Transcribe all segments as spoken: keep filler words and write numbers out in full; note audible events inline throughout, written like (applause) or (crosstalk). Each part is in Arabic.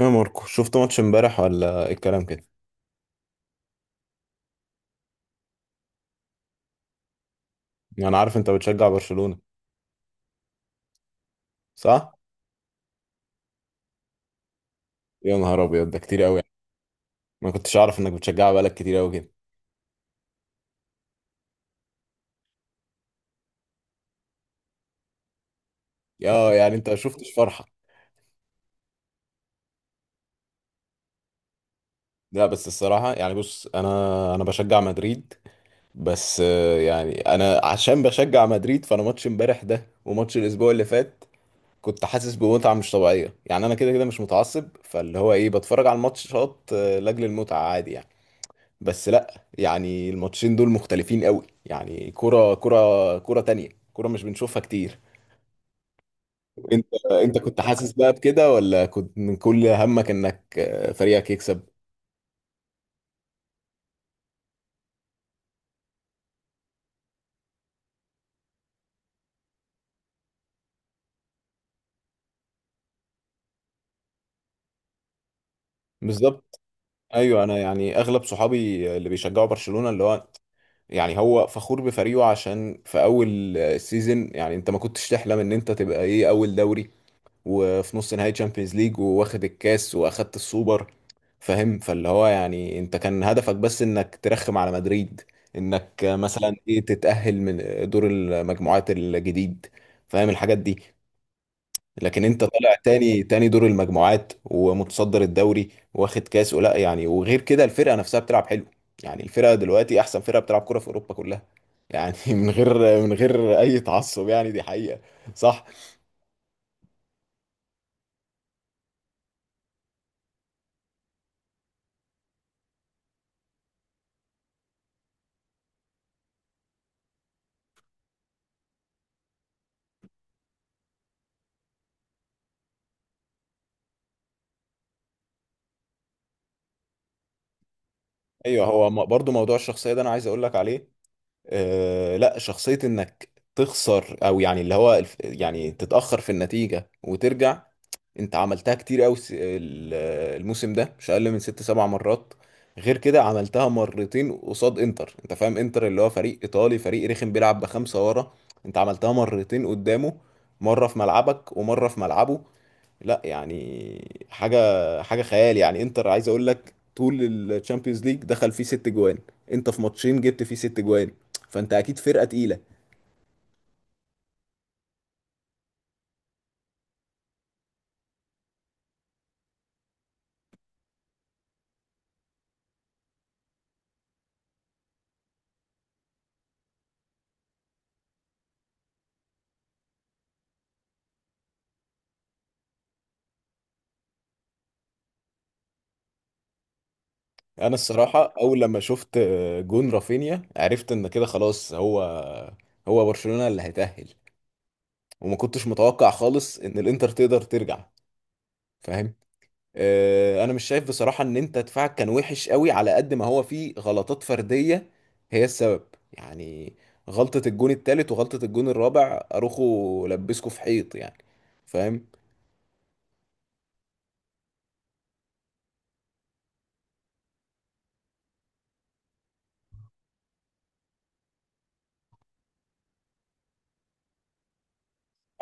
يا ماركو، شفت ماتش امبارح ولا إيه الكلام كده؟ انا عارف انت بتشجع برشلونة، صح؟ يا نهار ابيض، ده كتير قوي. ما كنتش اعرف انك بتشجعها بقالك كتير قوي كده. يا يعني انت ما شفتش فرحة؟ لا بس الصراحة، يعني بص، انا انا بشجع مدريد. بس آه، يعني انا عشان بشجع مدريد، فانا ماتش امبارح ده وماتش الاسبوع اللي فات كنت حاسس بمتعة مش طبيعية. يعني انا كده كده مش متعصب، فاللي هو ايه، بتفرج على الماتشات آه، لاجل المتعة، عادي يعني. بس لا، يعني الماتشين دول مختلفين قوي. يعني كرة كرة كرة تانية، كرة مش بنشوفها كتير. انت انت كنت حاسس بقى بكده، ولا كنت من كل همك انك آه، فريقك يكسب؟ بالظبط. ايوه، انا يعني اغلب صحابي اللي بيشجعوا برشلونة اللي هو، يعني هو فخور بفريقه عشان في اول السيزون يعني انت ما كنتش تحلم ان انت تبقى ايه اول دوري، وفي نص نهائي تشامبيونز ليج، واخد الكاس واخدت السوبر. فاهم؟ فاللي هو يعني انت كان هدفك بس انك ترخم على مدريد، انك مثلا ايه تتأهل من دور المجموعات الجديد. فاهم الحاجات دي؟ لكن انت طالع تاني تاني دور المجموعات ومتصدر الدوري، واخد كاس ولا يعني. وغير كده الفرقة نفسها بتلعب حلو، يعني الفرقة دلوقتي احسن فرقة بتلعب كرة في اوروبا كلها. يعني (laughs) من غير من غير اي تعصب، يعني دي حقيقة، صح؟ ايوه. هو م- برضو موضوع الشخصيه ده انا عايز اقول لك عليه. آه لا، شخصيه انك تخسر او يعني اللي هو الف- يعني تتاخر في النتيجه وترجع. انت عملتها كتير قوي الموسم ده، مش اقل من ست سبع مرات. غير كده عملتها مرتين قصاد انتر، انت فاهم انتر اللي هو فريق ايطالي، فريق رخم بيلعب بخمسه ورا. انت عملتها مرتين قدامه، مره في ملعبك ومره في ملعبه. لا يعني حاجه حاجه خيال. يعني انتر، عايز اقول لك طول الشامبيونز ليج دخل فيه ست جوان. انت في ماتشين جبت فيه ست جوان، فانت اكيد فرقه تقيله. انا الصراحه اول لما شفت جون رافينيا، عرفت ان كده خلاص، هو هو برشلونه اللي هيتأهل. وما كنتش متوقع خالص ان الانتر تقدر ترجع. فاهم؟ آه، انا مش شايف بصراحة ان انت دفاعك كان وحش قوي، على قد ما هو فيه غلطات فردية هي السبب. يعني غلطة الجون التالت وغلطة الجون الرابع، اروخو لبسكوا في حيط يعني. فاهم؟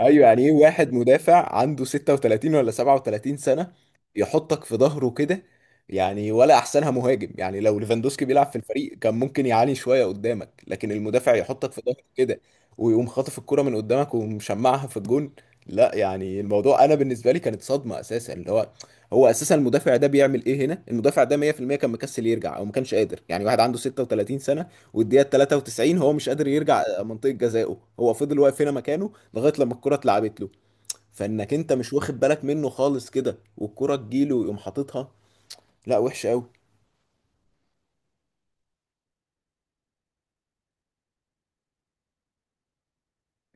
ايوه، يعني ايه، واحد مدافع عنده ستة وتلاتين ولا سبعة وتلاتين سنة يحطك في ظهره كده. يعني ولا احسنها مهاجم، يعني لو ليفاندوسكي بيلعب في الفريق كان ممكن يعاني شوية قدامك. لكن المدافع يحطك في ظهره كده، ويقوم خاطف الكرة من قدامك ومشمعها في الجون. لا، يعني الموضوع انا بالنسبة لي كانت صدمة اساسا، اللي هو هو اساسا المدافع ده بيعمل ايه هنا؟ المدافع ده مية في المية كان مكسل يرجع او ما كانش قادر، يعني واحد عنده ستة وتلاتين سنة والدقيقة تلاتة وتسعين هو مش قادر يرجع منطقة جزائه، هو فضل واقف هنا مكانه لغايه لما الكره اتلعبت له، فانك انت مش واخد بالك منه خالص كده والكره تجيله ويقوم حاططها. لا، وحش قوي.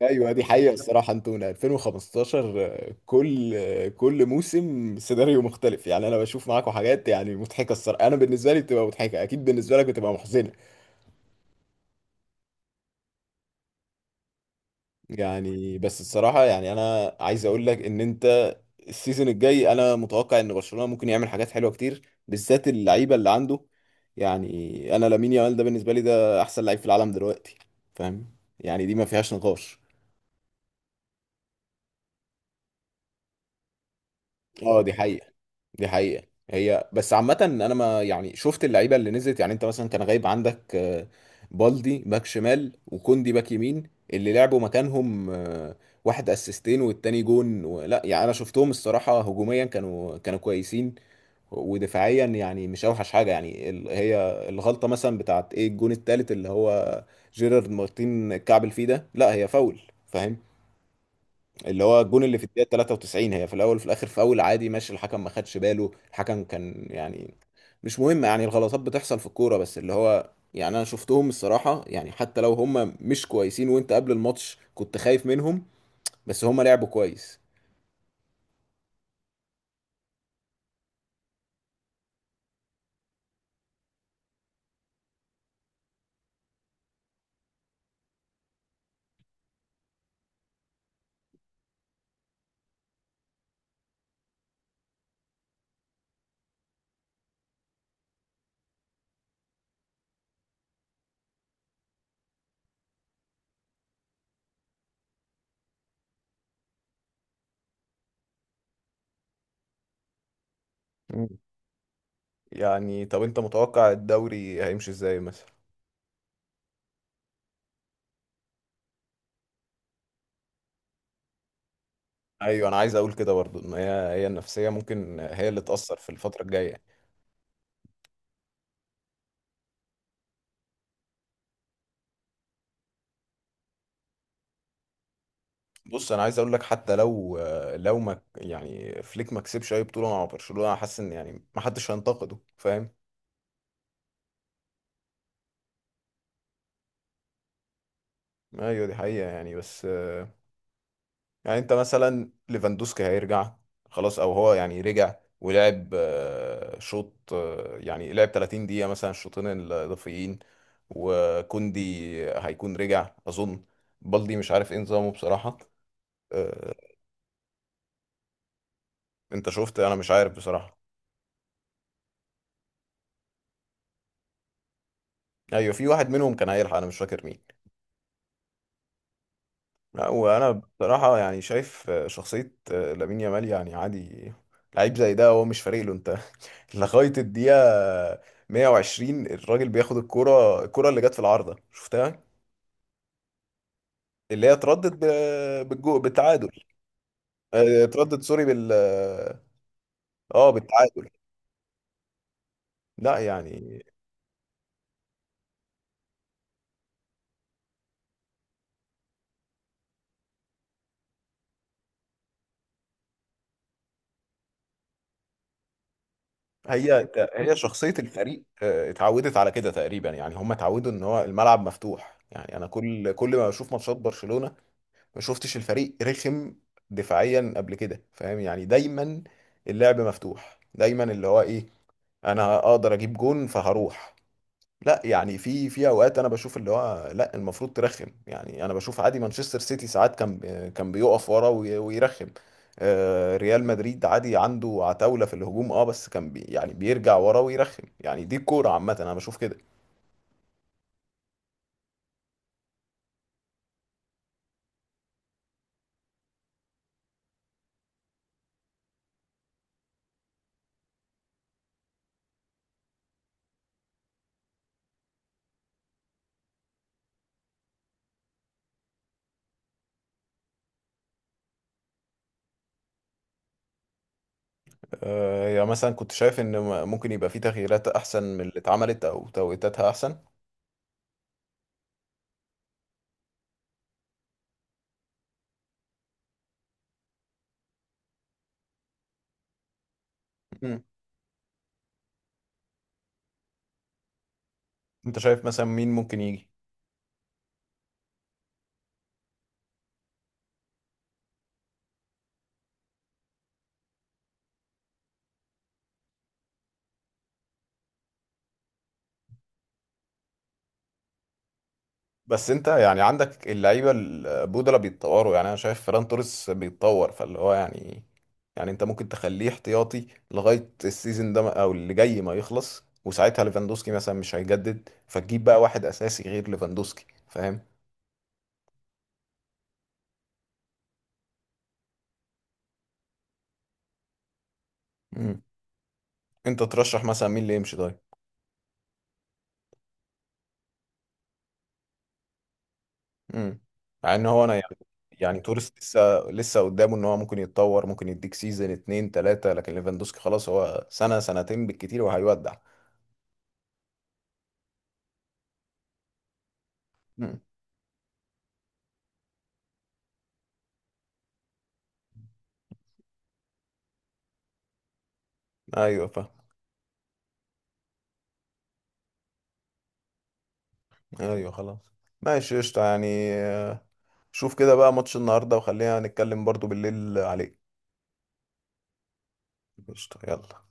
ايوه، دي حقيقة الصراحة. انتونا ألفين وخمستاشر، آه، كل آه، كل موسم سيناريو مختلف يعني. انا بشوف معاكم حاجات يعني مضحكة الصراحة. انا بالنسبة لي بتبقى مضحكة، اكيد بالنسبة لك بتبقى محزنة. يعني بس الصراحة، يعني أنا عايز أقول لك إن أنت السيزون الجاي أنا متوقع إن برشلونة ممكن يعمل حاجات حلوة كتير، بالذات اللعيبة اللي عنده. يعني أنا لامين يامال ده بالنسبة لي ده أحسن لعيب في العالم دلوقتي. فاهم؟ يعني دي ما فيهاش نقاش. أه، دي حقيقة، دي حقيقة. هي بس عامة انا ما يعني شفت اللعيبة اللي نزلت. يعني انت مثلا كان غايب عندك آه، بالدي باك شمال وكوندي باك يمين. اللي لعبوا مكانهم، آه، واحد اسيستين والتاني جون و- لا يعني انا شفتهم الصراحة، هجوميا كانوا كانوا كويسين. ودفاعيا يعني مش اوحش حاجة. يعني ال- هي الغلطة مثلا بتاعت ايه الجون التالت، اللي هو جيرارد مارتين كعبل فيه ده، لا هي فاول. فاهم؟ اللي هو الجون اللي في الدقيقة تلاتة وتسعين، هي في الأول وفي الآخر فاول عادي ماشي. الحكم ما خدش باله، الحكم كان يعني مش مهم. يعني الغلطات بتحصل في الكورة، بس اللي هو يعني أنا شفتهم الصراحة، يعني حتى لو هم مش كويسين وأنت قبل الماتش كنت خايف منهم، بس هم لعبوا كويس. مم. يعني طب انت متوقع الدوري هيمشي ازاي مثلا؟ ايوه، انا عايز اقول كده برضو ان هي هي النفسيه ممكن هي اللي تاثر في الفتره الجايه. بص، انا عايز اقول لك حتى لو لو ما يعني فليك ما كسبش اي بطوله مع برشلونه، انا حاسس ان يعني ما حدش هينتقده. فاهم؟ ايوه دي حقيقه يعني بس. يعني انت مثلا ليفاندوسكي هيرجع خلاص، او هو يعني رجع ولعب آه، شوط، آه، يعني لعب تلاتين دقيقه مثلا الشوطين الاضافيين. وكوندي هيكون رجع اظن. بالدي مش عارف ايه نظامه بصراحه. آه، انت شفت؟ انا مش عارف بصراحه. ايوه، في واحد منهم كان هيلحق، انا مش فاكر مين. لا، وانا بصراحه يعني شايف آه، شخصيه آه، لامين يامال يعني عادي، لعيب زي ده هو مش فارق له. انت (laughs) لغايه الدقيقه مائة وعشرين الراجل بياخد الكوره الكوره اللي جت في العارضه شفتها؟ اللي هي اتردت ب- بالجو بالتعادل. آه، اتردت سوري بال اه آه، بالتعادل. لا يعني هي هي شخصيه الفريق آه، اتعودت على كده تقريبا. يعني هم اتعودوا ان هو الملعب مفتوح. يعني انا كل كل ما بشوف ماتشات برشلونه، ما شفتش الفريق رخم دفاعيا قبل كده. فاهم؟ يعني دايما اللعب مفتوح، دايما اللي هو ايه انا اقدر اجيب جون فهروح. لا يعني في في اوقات انا بشوف اللي هو لا المفروض ترخم. يعني انا بشوف عادي مانشستر سيتي، ساعات كان كان بيقف ورا وي- ويرخم. آه، ريال مدريد عادي عنده عتاولة في الهجوم، اه بس كان بي يعني بيرجع ورا ويرخم. يعني دي الكورة عامة انا بشوف كده. آه، يعني مثلا كنت شايف ان ممكن يبقى في تغييرات احسن من اللي اتعملت او توقيتاتها احسن. انت شايف مثلا مين ممكن يجي؟ بس انت يعني عندك اللعيبه البودلة بيتطوروا. يعني انا شايف فران توريس بيتطور، فاللي هو يعني، يعني انت ممكن تخليه احتياطي لغايه السيزون ده او اللي جاي ما يخلص، وساعتها ليفاندوسكي مثلا مش هيجدد، فتجيب بقى واحد اساسي غير ليفاندوسكي. فاهم؟ امم. انت ترشح مثلا مين اللي يمشي طيب؟ امم. مع ان هو انا يعني، يعني توريس لسه لسه قدامه ان هو ممكن يتطور، ممكن يديك سيزون اتنين تلاته. لكن ليفاندوسكي خلاص، هو سنه سنتين بالكتير وهيودع. ايوه فاهم. ايوه خلاص، ماشي، قشطة يعني. آه، شوف كده بقى ماتش النهارده وخلينا نتكلم برضو بالليل عليه. قشطة، يلا.